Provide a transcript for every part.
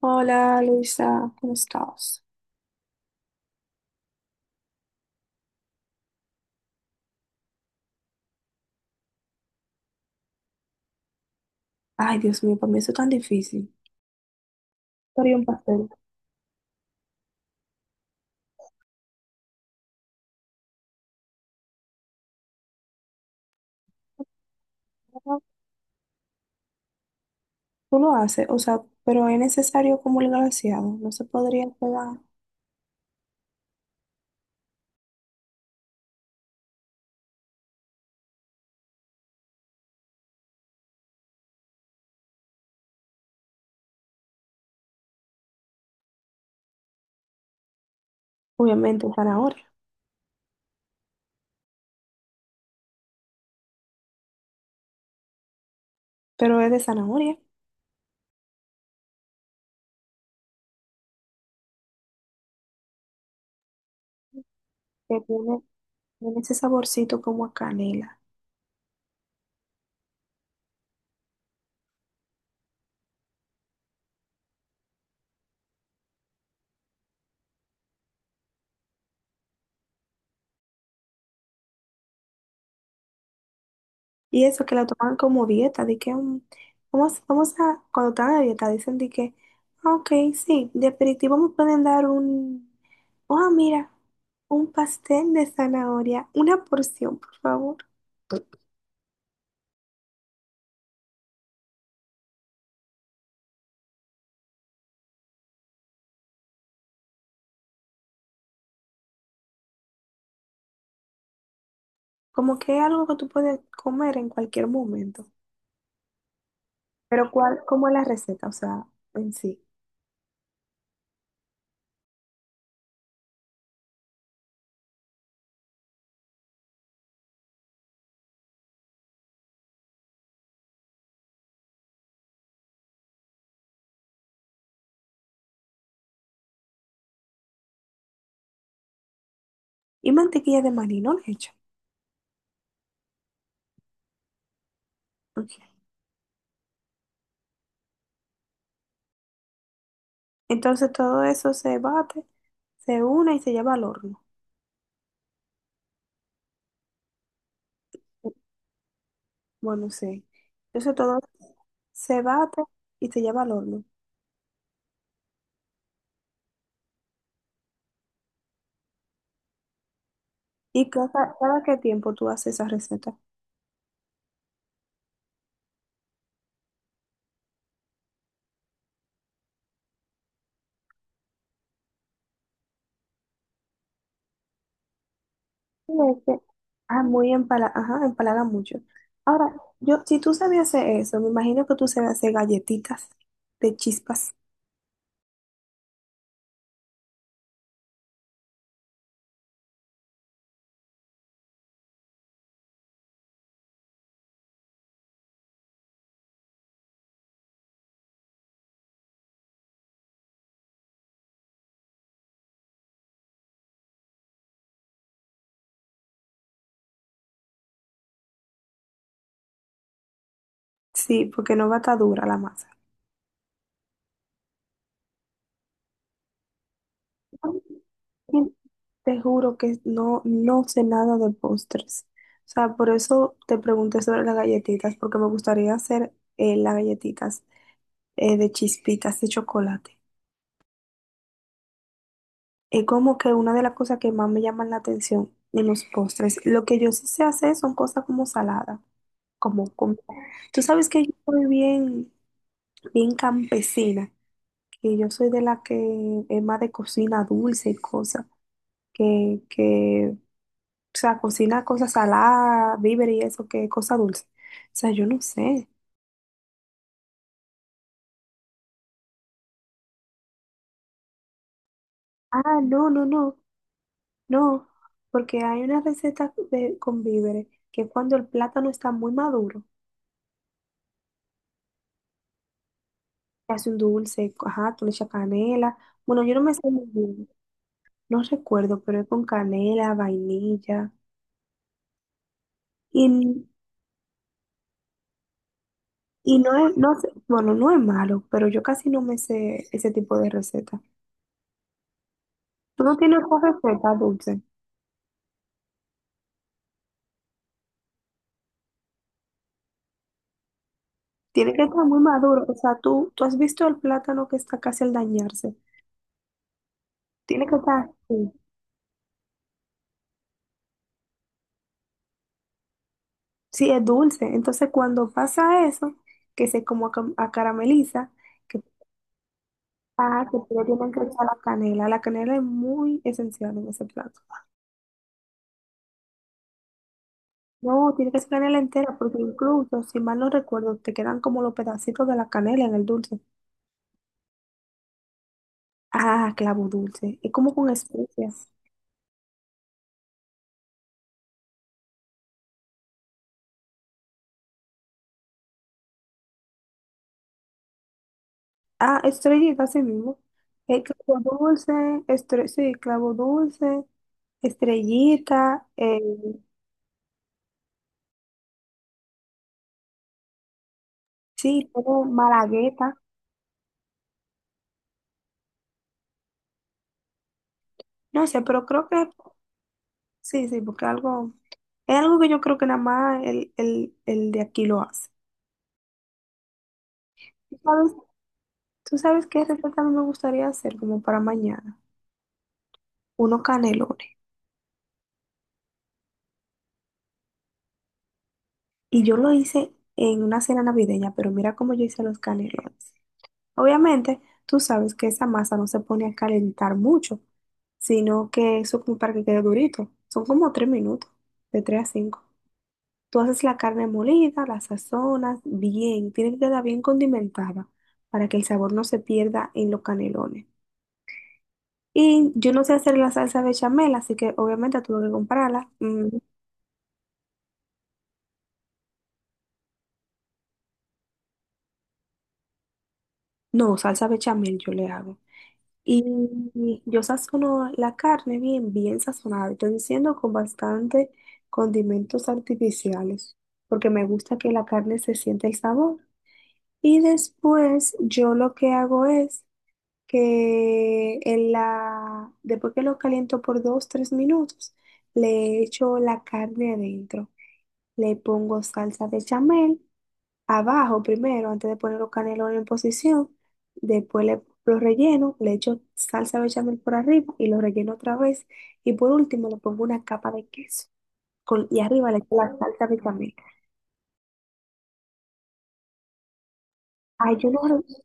Hola Luisa, ¿cómo estás? Ay, Dios mío, para mí eso es tan difícil. Haría un pastel. Tú lo haces, o sea, pero ¿es necesario como el glaseado? ¿No se podría pegar? Obviamente, zanahoria, pero es de zanahoria, que tiene, tiene ese saborcito como a canela. Y eso que la toman como dieta, de que vamos, cuando están a dieta, dicen de que, "Ah, ok, sí, de aperitivo me pueden dar un, ah, mira, un pastel de zanahoria, una porción, por favor". Como que es algo que tú puedes comer en cualquier momento. Pero cuál, ¿cómo es la receta? O sea, en sí. Y mantequilla de maní, ¿no le echan? Ok. Entonces todo eso se bate, se une y se lleva al horno. Bueno, sí. Entonces todo se bate y se lleva al horno. ¿Y cada qué tiempo tú haces esa receta? Este, Ah, muy empala, ajá, empalaga mucho. Ahora, yo, si tú sabías hacer eso, me imagino que tú sabes hacer galletitas de chispas. Sí, porque no va a estar dura la masa. Te juro que no, no sé nada de postres. O sea, por eso te pregunté sobre las galletitas, porque me gustaría hacer las galletitas de chispitas de chocolate. Es como que una de las cosas que más me llaman la atención en los postres. Lo que yo sí sé hacer son cosas como salada, como, como... Tú sabes que yo soy bien, bien campesina, que yo soy de la que es más de cocina dulce y cosas, que... O sea, cocina cosas saladas, víveres y eso, que cosa dulce. O sea, yo no sé. Ah, no, no, no, no. Porque hay una receta de, con víveres, que es cuando el plátano está muy maduro, te hace un dulce, ajá, tú le echas canela. Bueno, yo no me sé muy bien, no recuerdo, pero es con canela, vainilla. Y, y no es, no sé, bueno, no es malo, pero yo casi no me sé ese tipo de receta. ¿Tú no tienes otra receta dulce? Tiene que estar muy maduro. O sea, tú has visto el plátano que está casi al dañarse. Tiene que estar así. Sí, es dulce. Entonces, cuando pasa eso, que se como acarameliza, que, ah, que le tienen que echar la canela. La canela es muy esencial en ese plato. No, tiene que ser canela entera, porque incluso, si mal no recuerdo, te quedan como los pedacitos de la canela en el dulce. Ah, clavo dulce. Es como con especias. Ah, estrellita, así mismo. Clavo dulce, sí, clavo dulce, estrellita, sí, tengo malagueta. No sé, pero creo que sí, sí, porque algo, es algo que yo creo que nada más el de aquí lo hace. ¿Tú sabes, tú sabes qué receta a mí me gustaría hacer como para mañana? Unos canelones. Y yo lo hice en una cena navideña, pero mira cómo yo hice los canelones. Obviamente, tú sabes que esa masa no se pone a calentar mucho, sino que eso como para que quede durito. Son como 3 minutos, de 3 a 5. Tú haces la carne molida, la sazonas bien, tiene que quedar bien condimentada para que el sabor no se pierda en los canelones. Y yo no sé hacer la salsa bechamel, así que obviamente tuve que comprarla. Mm. No, salsa bechamel yo le hago. Y yo sazono la carne bien, bien sazonada. Estoy diciendo con bastante condimentos artificiales, porque me gusta que la carne se sienta el sabor. Y después yo lo que hago es que en la, después que lo caliento por 2, 3 minutos, le echo la carne adentro. Le pongo salsa bechamel abajo primero antes de poner los canelones en posición. Después le, los relleno, le echo salsa bechamel por arriba y lo relleno otra vez. Y por último le pongo una capa de queso. Y arriba le echo la salsa bechamel. Ay, yo no...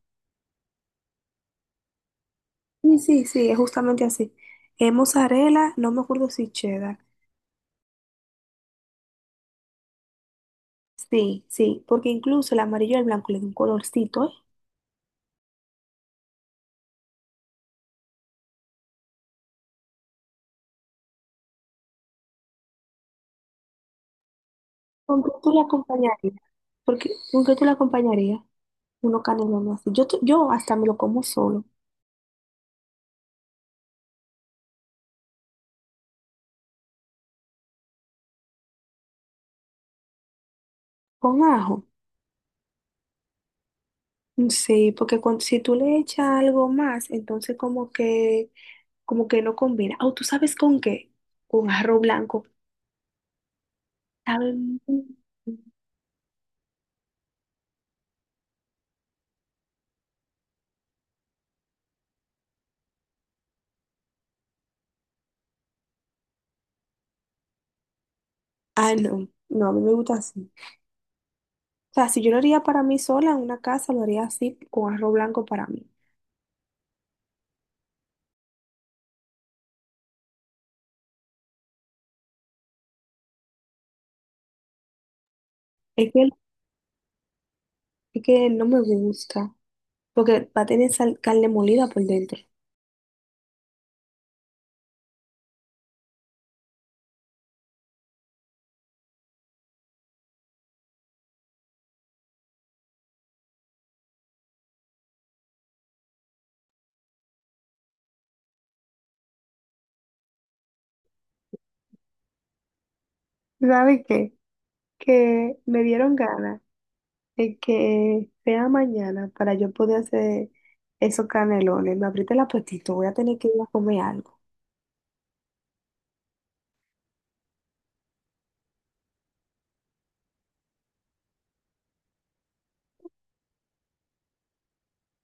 Sí, sí, sí, es justamente así. Es mozzarella, no me acuerdo si cheddar. Sí, sí, porque incluso el amarillo y el blanco le da un colorcito, ¿eh? ¿Con qué tú la acompañarías? Porque, ¿con qué tú la acompañarías? Uno canelones así. Yo, yo hasta me lo como solo. Con ajo. Sí, porque cuando, si tú le echas algo más, entonces como que no combina. Oh, ¿tú sabes con qué? Con arroz blanco. Sabe muy... Ah, no, no, a mí me gusta así. O sea, si yo lo haría para mí sola en una casa, lo haría así con arroz blanco para mí. Es que, es que no me gusta, porque va a tener carne molida por dentro. ¿Sabe qué? Que me dieron ganas de que sea mañana para yo poder hacer esos canelones. Me abriste el apetito, voy a tener que ir a comer algo.